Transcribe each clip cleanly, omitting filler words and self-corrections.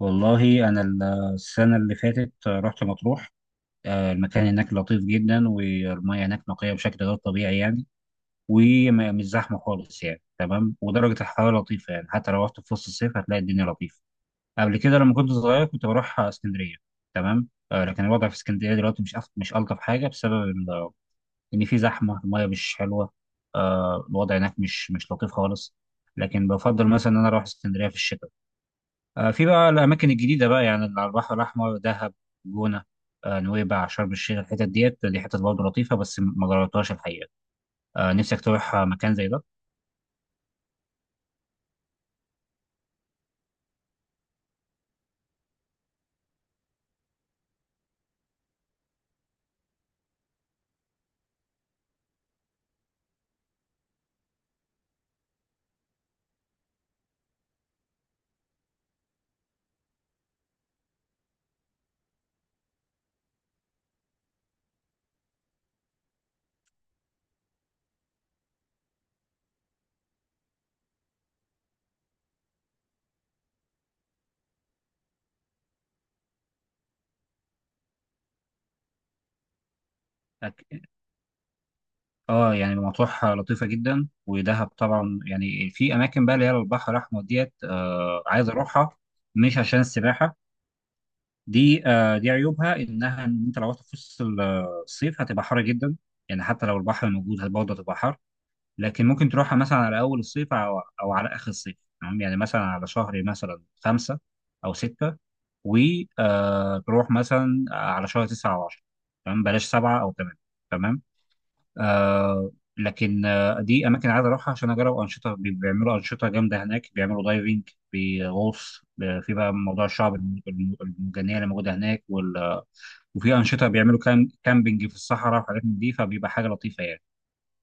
والله أنا السنة اللي فاتت رحت مطروح. المكان هناك لطيف جدا، والمياه هناك نقية بشكل غير طبيعي يعني، ومش زحمة خالص يعني، تمام. ودرجة الحرارة لطيفة يعني، حتى لو رحت في وسط الصيف هتلاقي الدنيا لطيفة. قبل كده لما كنت صغير كنت بروح اسكندرية، تمام. لكن الوضع في اسكندرية دلوقتي مش ألطف حاجة بسبب إن في زحمة، المياه مش حلوة. الوضع هناك مش لطيف خالص. لكن بفضل مثلا إن أنا أروح اسكندرية في الشتاء. في بقى الأماكن الجديدة بقى يعني اللي على البحر الأحمر: دهب، جونة، نويبع، شرم الشيخ. الحتت ديت دي حتت برضه لطيفة بس ما جربتهاش الحقيقة. نفسك تروح مكان زي ده؟ أك- اه، يعني مطروح لطيفة جدا، ودهب طبعا. يعني في أماكن بقى اللي هي على البحر الأحمر ديت عايز أروحها، مش عشان السباحة. دي دي عيوبها إنها إن أنت لو رحت في وسط الصيف هتبقى حر جدا، يعني حتى لو البحر موجود برضه هتبقى حر. لكن ممكن تروحها مثلا على اول الصيف او على اخر الصيف، تمام. يعني مثلا على شهر مثلا 5 او 6، وتروح مثلا على شهر 9 او 10، تمام، بلاش 7 او 8، تمام. لكن دي اماكن عايز اروحها عشان اجرب انشطه. بيعملوا انشطه جامده هناك، بيعملوا دايفنج بغوص في بقى موضوع الشعب المرجانيه اللي موجوده هناك وال... آه، وفي انشطه بيعملوا كامبينج في الصحراء وحاجات من دي، فبيبقى حاجه لطيفه يعني.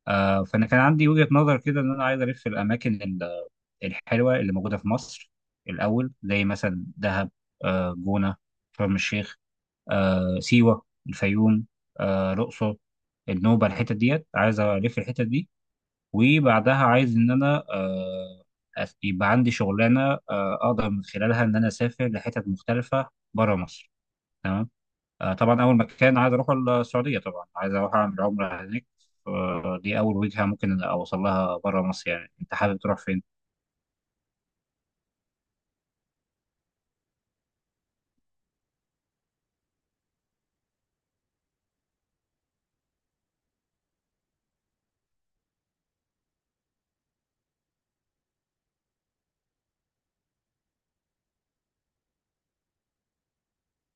فانا كان عندي وجهة نظر كده ان انا عايز الف الاماكن الحلوة اللي موجودة في مصر الاول، زي مثلا دهب، جونة، شرم الشيخ، سيوة، الفيوم، الأقصر، النوبة. الحتت ديت عايز ألف الحتت دي، وبعدها عايز إن أنا يبقى عندي شغلانة أقدر من خلالها إن أنا أسافر لحتت مختلفة بره مصر، تمام. طبعا اول مكان عايز اروح السعوديه، طبعا عايز اروح اعمل عمره هناك. دي اول وجهه ممكن اوصل لها بره مصر. يعني انت حابب تروح فين؟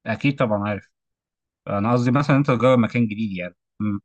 اكيد طبعا عارف. انا قصدي مثلا انت تجرب مكان جديد يعني. مم.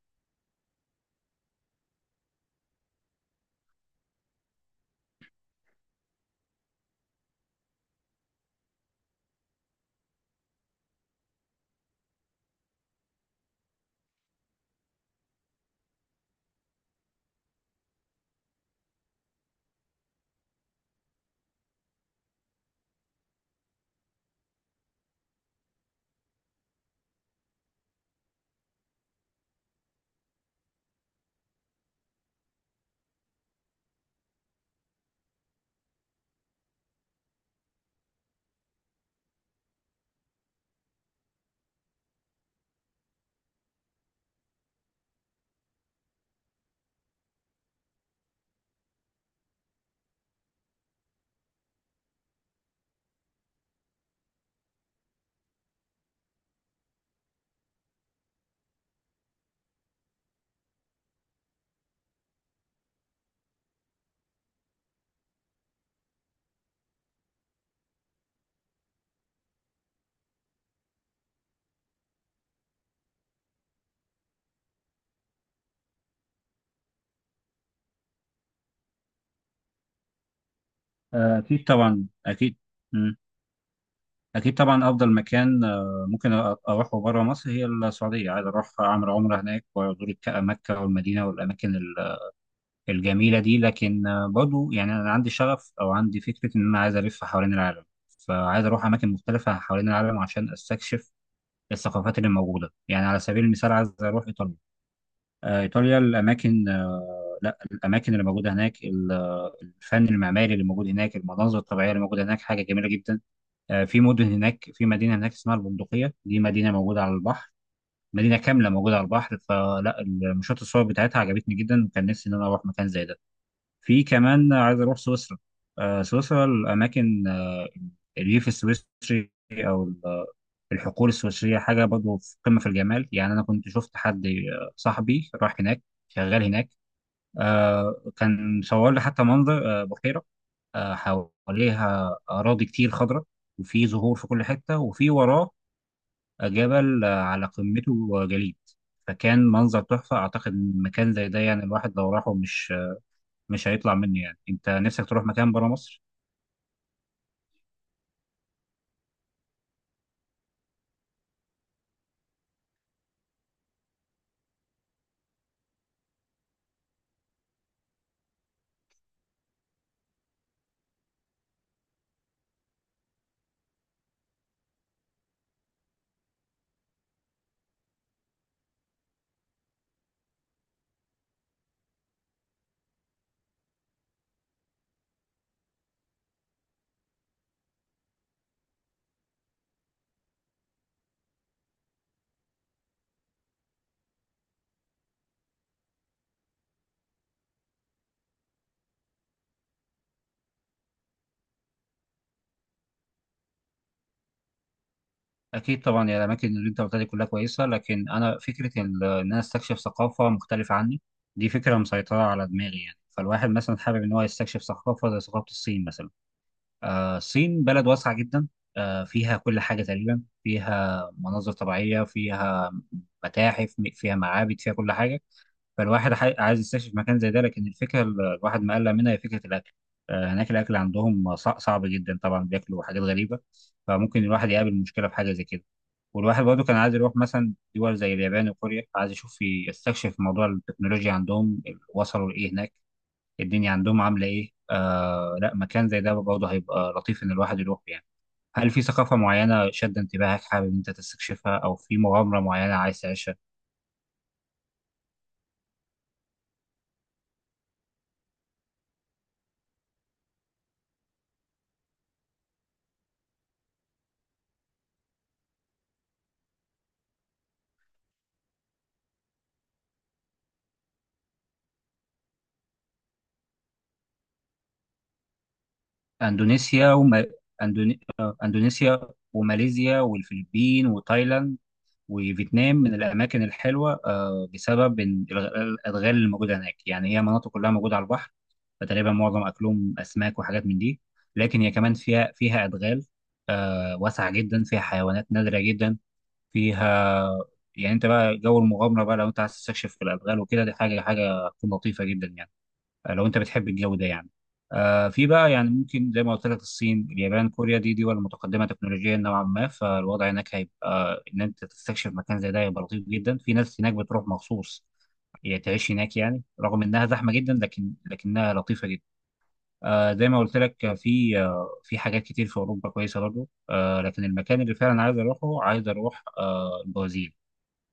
اكيد طبعا اكيد. مم. اكيد طبعا افضل مكان ممكن اروحه بره مصر هي السعوديه، عايز اروح اعمل عمره هناك وازور مكه والمدينه والاماكن الجميلة دي. لكن برضو يعني أنا عندي شغف أو عندي فكرة إن أنا عايز ألف حوالين العالم، فعايز أروح أماكن مختلفة حوالين العالم عشان أستكشف الثقافات اللي موجودة. يعني على سبيل المثال عايز أروح إيطاليا. إيطاليا الأماكن لا، الأماكن اللي موجودة هناك، الفن المعماري اللي موجود هناك، المناظر الطبيعية اللي موجودة هناك حاجة جميلة جدا. في مدن هناك، في مدينة هناك اسمها البندقية، دي مدينة موجودة على البحر، مدينة كاملة موجودة على البحر، فلا المشاهد الصور بتاعتها عجبتني جدا، وكان نفسي إن أنا أروح مكان زي ده. في كمان عايز اروح سويسرا. سويسرا الاماكن الريف السويسري او ال- الحقول السويسريه حاجه برضه في قمه في الجمال يعني. انا كنت شفت حد صاحبي راح هناك، شغال هناك. كان صور لي حتى منظر بحيره حواليها اراضي كتير خضراء، وفي زهور في كل حته، وفي وراه جبل على قمته جليد. فكان منظر تحفه. اعتقد إن مكان زي ده يعني الواحد لو راحه مش هيطلع منه يعني. انت نفسك تروح مكان برا مصر؟ أكيد طبعا، يعني الأماكن اللي أنت قلتها دي كلها كويسة، لكن أنا فكرة إن أنا استكشف ثقافة مختلفة عني دي فكرة مسيطرة على دماغي يعني. فالواحد مثلا حابب إن هو يستكشف ثقافة زي ثقافة الصين مثلا. الصين بلد واسعة جدا. فيها كل حاجة تقريبا، فيها مناظر طبيعية، فيها متاحف، فيها معابد، فيها كل حاجة. فالواحد عايز يستكشف مكان زي ده. لكن الفكره الواحد مقلق منها هي فكره الاكل. هناك الاكل عندهم صعب جدا، طبعا بياكلوا حاجات غريبه، فممكن الواحد يقابل مشكله في حاجه زي كده. والواحد برضه كان عايز يروح مثلا دول زي اليابان وكوريا، عايز يشوف يستكشف موضوع التكنولوجيا عندهم، وصلوا لايه هناك، الدنيا عندهم عامله ايه. لا، مكان زي ده برضه هيبقى لطيف ان الواحد يروح يعني. هل في ثقافه معينه شد انتباهك حابب ان انت تستكشفها، او في مغامره معينه عايز تعيشها؟ اندونيسيا وما... أندوني... آه، اندونيسيا وماليزيا والفلبين وتايلاند وفيتنام من الاماكن الحلوه بسبب إن الادغال اللي موجوده هناك يعني. هي مناطق كلها موجوده على البحر، فتقريبا معظم اكلهم اسماك وحاجات من دي. لكن هي كمان فيها ادغال واسعه جدا، فيها حيوانات نادره جدا، فيها. يعني انت بقى جو المغامره بقى، لو انت عايز تستكشف في الادغال وكده دي حاجه تكون لطيفه جدا يعني. لو انت بتحب الجو ده يعني. في بقى يعني ممكن زي ما قلت لك الصين اليابان كوريا دي دول متقدمه تكنولوجيا نوعا ما، فالوضع هناك هيبقى ان انت تستكشف مكان زي ده هيبقى لطيف جدا. في ناس هناك بتروح مخصوص هي تعيش هناك يعني، رغم انها زحمه جدا لكنها لطيفه جدا. زي ما قلت لك في حاجات كتير في اوروبا كويسه برضه. لكن المكان اللي فعلا عايز اروحه، عايز اروح البرازيل.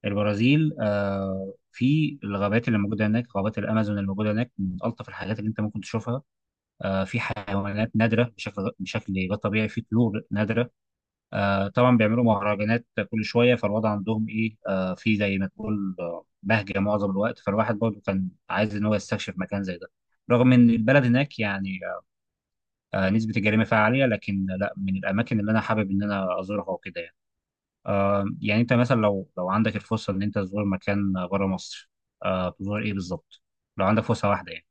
البرازيل في الغابات اللي موجوده هناك، غابات الامازون اللي موجوده هناك من الطف الحاجات اللي انت ممكن تشوفها. في حيوانات نادرة بشكل غير طبيعي، في طيور نادرة. طبعا بيعملوا مهرجانات كل شوية، فالوضع عندهم إيه في زي ما تقول بهجة معظم الوقت، فالواحد برضه كان عايز إن هو يستكشف مكان زي ده. رغم إن البلد هناك يعني نسبة الجريمة فيها عالية، لكن لا، من الأماكن اللي أنا حابب إن أنا أزورها وكده يعني. يعني أنت مثلا لو لو عندك الفرصة إن أنت تزور مكان بره مصر، تزور إيه بالظبط؟ لو عندك فرصة واحدة يعني.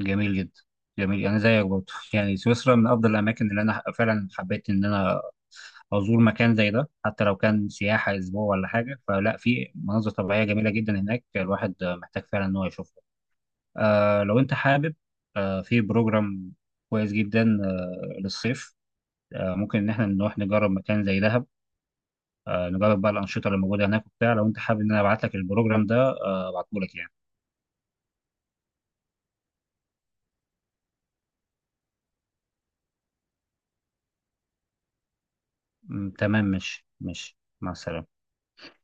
جميل جدا. جميل، انا زيك برضه يعني سويسرا من افضل الاماكن اللي انا فعلا حبيت ان انا ازور مكان زي ده، حتى لو كان سياحه اسبوع ولا حاجه. فلا في مناظر طبيعيه جميله جدا هناك، الواحد محتاج فعلا ان هو يشوفها. لو انت حابب، في بروجرام كويس جدا للصيف، ممكن ان احنا نروح نجرب مكان زي دهب، نجرب بقى الانشطه اللي موجوده هناك وبتاع. لو انت حابب ان انا ابعت لك البروجرام ده، ابعته لك يعني. تمام، ماشي ماشي، مع السلامه.